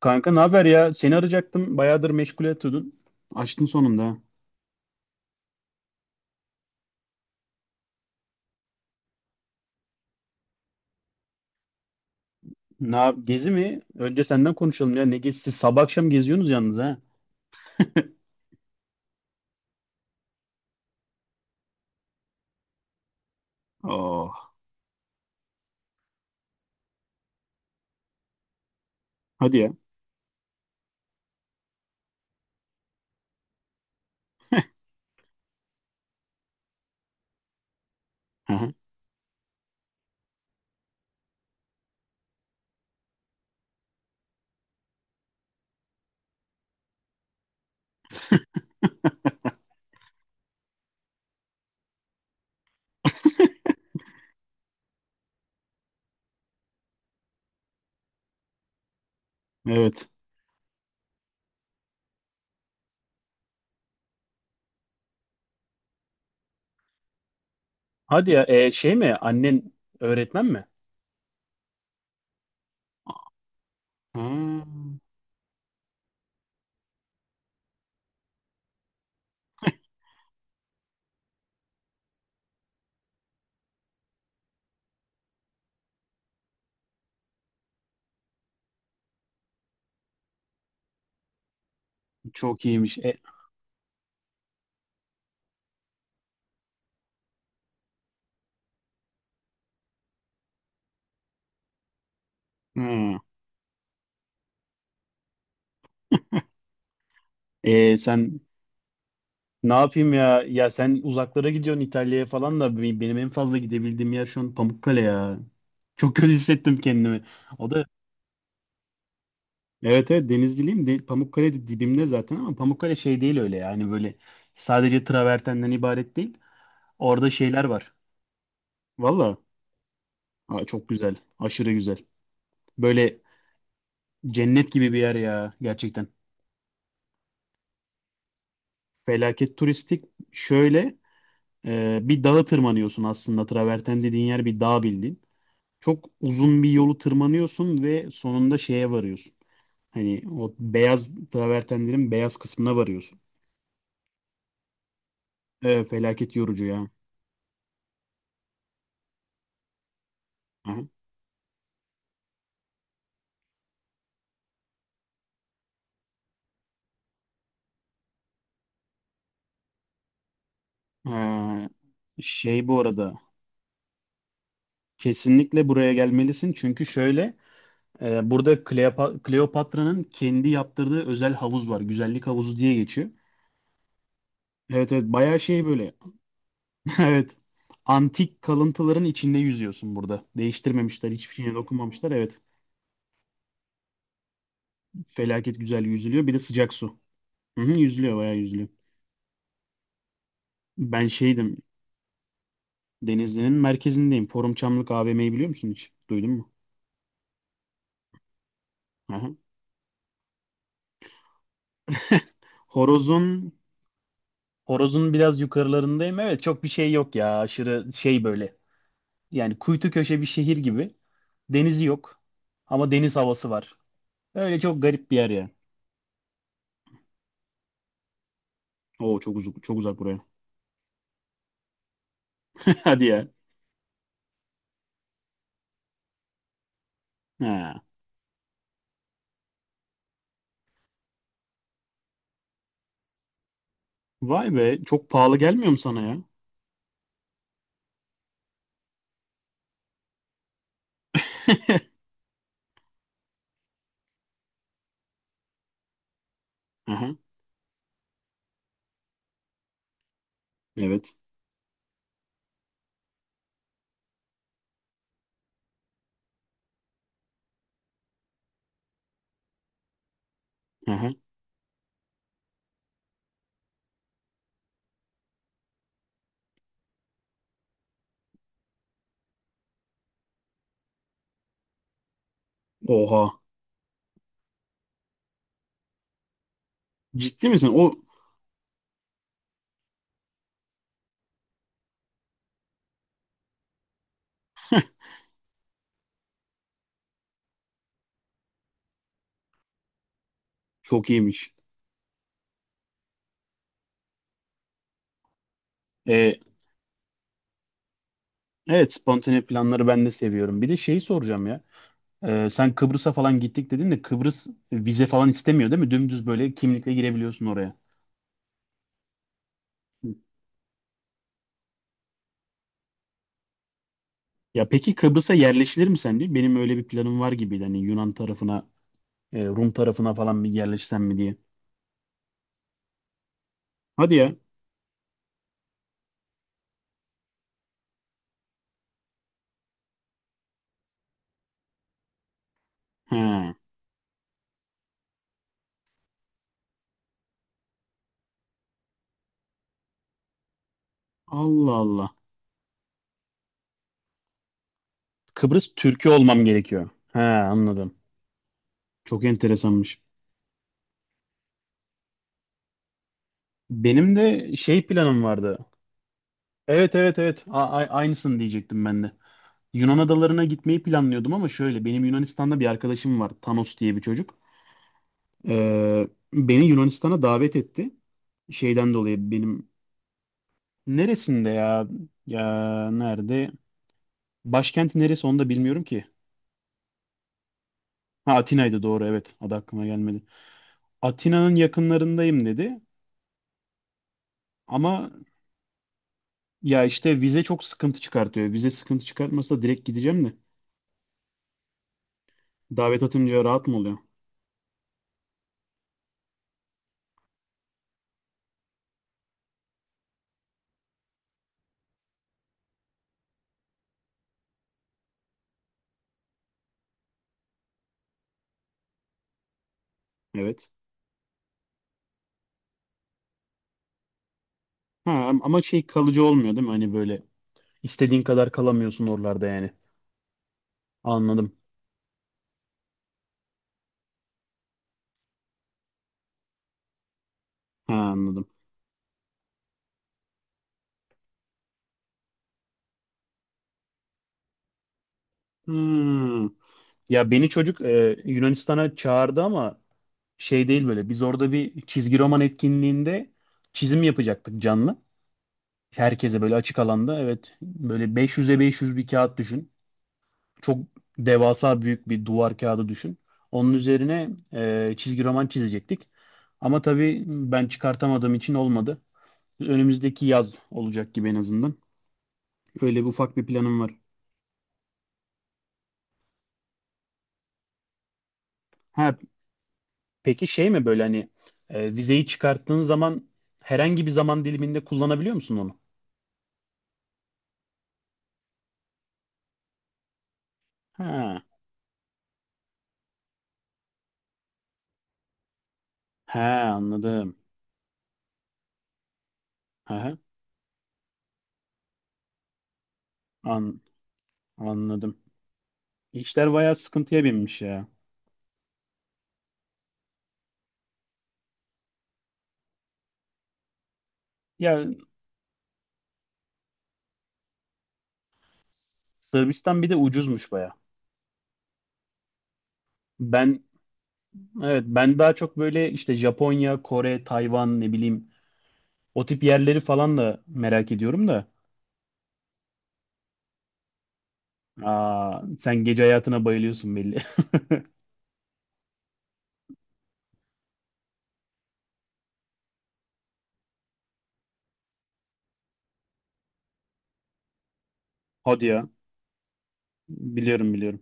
Kanka ne haber ya? Seni arayacaktım. Bayağıdır meşgul etiyordun. Açtın sonunda, ha. Gezi mi? Önce senden konuşalım ya. Ne gezisi? Siz sabah akşam geziyorsunuz yalnız ha. Oh, hadi ya. Aha, evet. Hadi ya. Şey mi? Annen öğretmen mi? Ha, çok iyiymiş. Ha. Sen ne yapayım ya? Ya sen uzaklara gidiyorsun İtalya'ya falan da benim en fazla gidebildiğim yer şu an Pamukkale ya. Çok kötü hissettim kendimi. O da evet, evet Denizliliyim. De, Pamukkale de dibimde zaten, ama Pamukkale şey değil öyle, yani böyle sadece travertenden ibaret değil. Orada şeyler var. Valla aa, çok güzel. Aşırı güzel. Böyle cennet gibi bir yer ya, gerçekten. Felaket turistik. Şöyle, bir dağa tırmanıyorsun aslında. Traverten dediğin yer bir dağ bildiğin. Çok uzun bir yolu tırmanıyorsun ve sonunda şeye varıyorsun. Hani o beyaz travertenlerin beyaz kısmına varıyorsun. Felaket yorucu ya. Ee, Şey bu arada, kesinlikle buraya gelmelisin çünkü şöyle, burada Kleopatra'nın kendi yaptırdığı özel havuz var. Güzellik havuzu diye geçiyor. Evet evet, bayağı şey böyle. Evet. Antik kalıntıların içinde yüzüyorsun burada. Değiştirmemişler, hiçbir şeye dokunmamışlar. Evet. Felaket güzel yüzülüyor. Bir de sıcak su. Hı hı, yüzülüyor, bayağı yüzülüyor. Ben şeydim. Denizli'nin merkezindeyim. Forum Çamlık AVM'yi biliyor musun hiç? Duydun mu? Hı hı. Horozun Horoz'un biraz yukarılarındayım. Evet, çok bir şey yok ya. Aşırı şey böyle. Yani kuytu köşe bir şehir gibi. Denizi yok. Ama deniz havası var. Öyle çok garip bir yer ya. Oo çok uzak, çok uzak buraya. Hadi ya. Ha. Vay be, çok pahalı gelmiyor mu sana ya? Aha, evet. Aha. Oha. Ciddi misin? O çok iyiymiş. Ee, evet, spontane planları ben de seviyorum. Bir de şeyi soracağım ya. Sen Kıbrıs'a falan gittik dedin de Kıbrıs vize falan istemiyor değil mi? Dümdüz böyle kimlikle girebiliyorsun oraya. Ya peki Kıbrıs'a yerleşilir mi sence? Benim öyle bir planım var gibiydi. Hani Yunan tarafına, Rum tarafına falan bir yerleşsem mi diye. Hadi ya. He. Allah Allah. Kıbrıs Türk'ü olmam gerekiyor. He, anladım. Çok enteresanmış. Benim de şey planım vardı. Evet evet evet. Aynısını diyecektim ben de. Yunan adalarına gitmeyi planlıyordum, ama şöyle, benim Yunanistan'da bir arkadaşım var. Thanos diye bir çocuk. Ee, Beni Yunanistan'a davet etti. Şeyden dolayı benim neresinde ya? Ya nerede? Başkenti neresi onu da bilmiyorum ki. Ha, Atina'ydı, doğru, evet. Adı aklıma gelmedi. Atina'nın yakınlarındayım dedi. Ama ya işte, vize çok sıkıntı çıkartıyor. Vize sıkıntı çıkartmasa direkt gideceğim de. Davet atınca rahat mı oluyor? Evet. Ha, ama şey kalıcı olmuyor değil mi? Hani böyle istediğin kadar kalamıyorsun oralarda yani. Anladım. Ha, anladım. Hmm. Ya beni çocuk Yunanistan'a çağırdı ama şey değil böyle. Biz orada bir çizgi roman etkinliğinde çizim yapacaktık canlı. Herkese böyle açık alanda. Evet, böyle 500'e 500 bir kağıt düşün. Çok devasa büyük bir duvar kağıdı düşün. Onun üzerine çizgi roman çizecektik. Ama tabii ben çıkartamadığım için olmadı. Önümüzdeki yaz olacak gibi en azından. Öyle bir ufak bir planım var. Ha, peki şey mi böyle, hani vizeyi çıkarttığın zaman herhangi bir zaman diliminde kullanabiliyor musun onu? Ha, ha anladım. Ha, ha, an, anladım. İşler bayağı sıkıntıya binmiş ya. Ya Sırbistan bir de ucuzmuş bayağı. Ben evet, ben daha çok böyle işte Japonya, Kore, Tayvan, ne bileyim, o tip yerleri falan da merak ediyorum da. Aa, sen gece hayatına bayılıyorsun belli. Hadi ya. Biliyorum, biliyorum.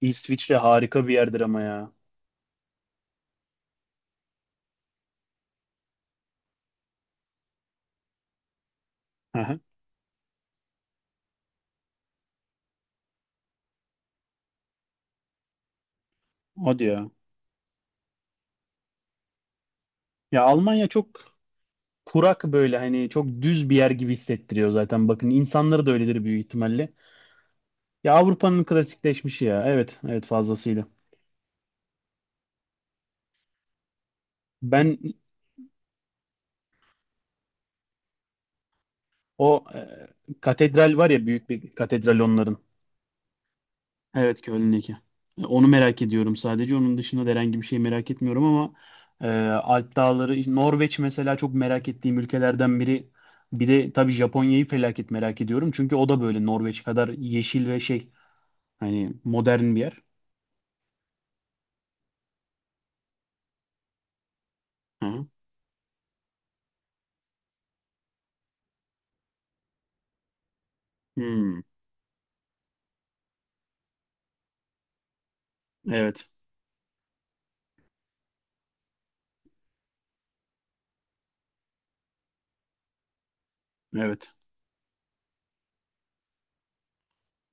İsviçre harika bir yerdir ama ya. Aha, hadi ya. Ya Almanya çok kurak böyle, hani çok düz bir yer gibi hissettiriyor zaten. Bakın, insanları da öyledir büyük ihtimalle. Ya Avrupa'nın klasikleşmişi ya. Evet, evet, fazlasıyla. Ben o katedral var ya, büyük bir katedral onların. Evet, Köln. Onu merak ediyorum sadece. Onun dışında da herhangi bir şey merak etmiyorum ama Alp Dağları, işte Norveç mesela çok merak ettiğim ülkelerden biri. Bir de tabii Japonya'yı felaket merak ediyorum. Çünkü o da böyle Norveç kadar yeşil ve şey, hani modern bir yer. Hı hı. Hmm, evet. Evet.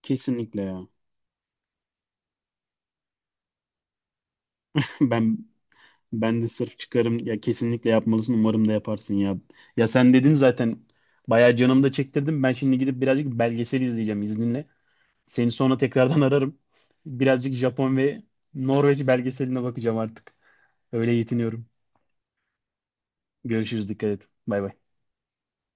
Kesinlikle ya. Ben Ben de sırf çıkarım ya, kesinlikle yapmalısın. Umarım da yaparsın ya. Ya sen dedin zaten, bayağı canımda çektirdim. Ben şimdi gidip birazcık belgesel izleyeceğim izninle. Seni sonra tekrardan ararım. Birazcık Japon ve Norveç belgeseline bakacağım artık. Öyle yetiniyorum. Görüşürüz. Dikkat et. Bay bay.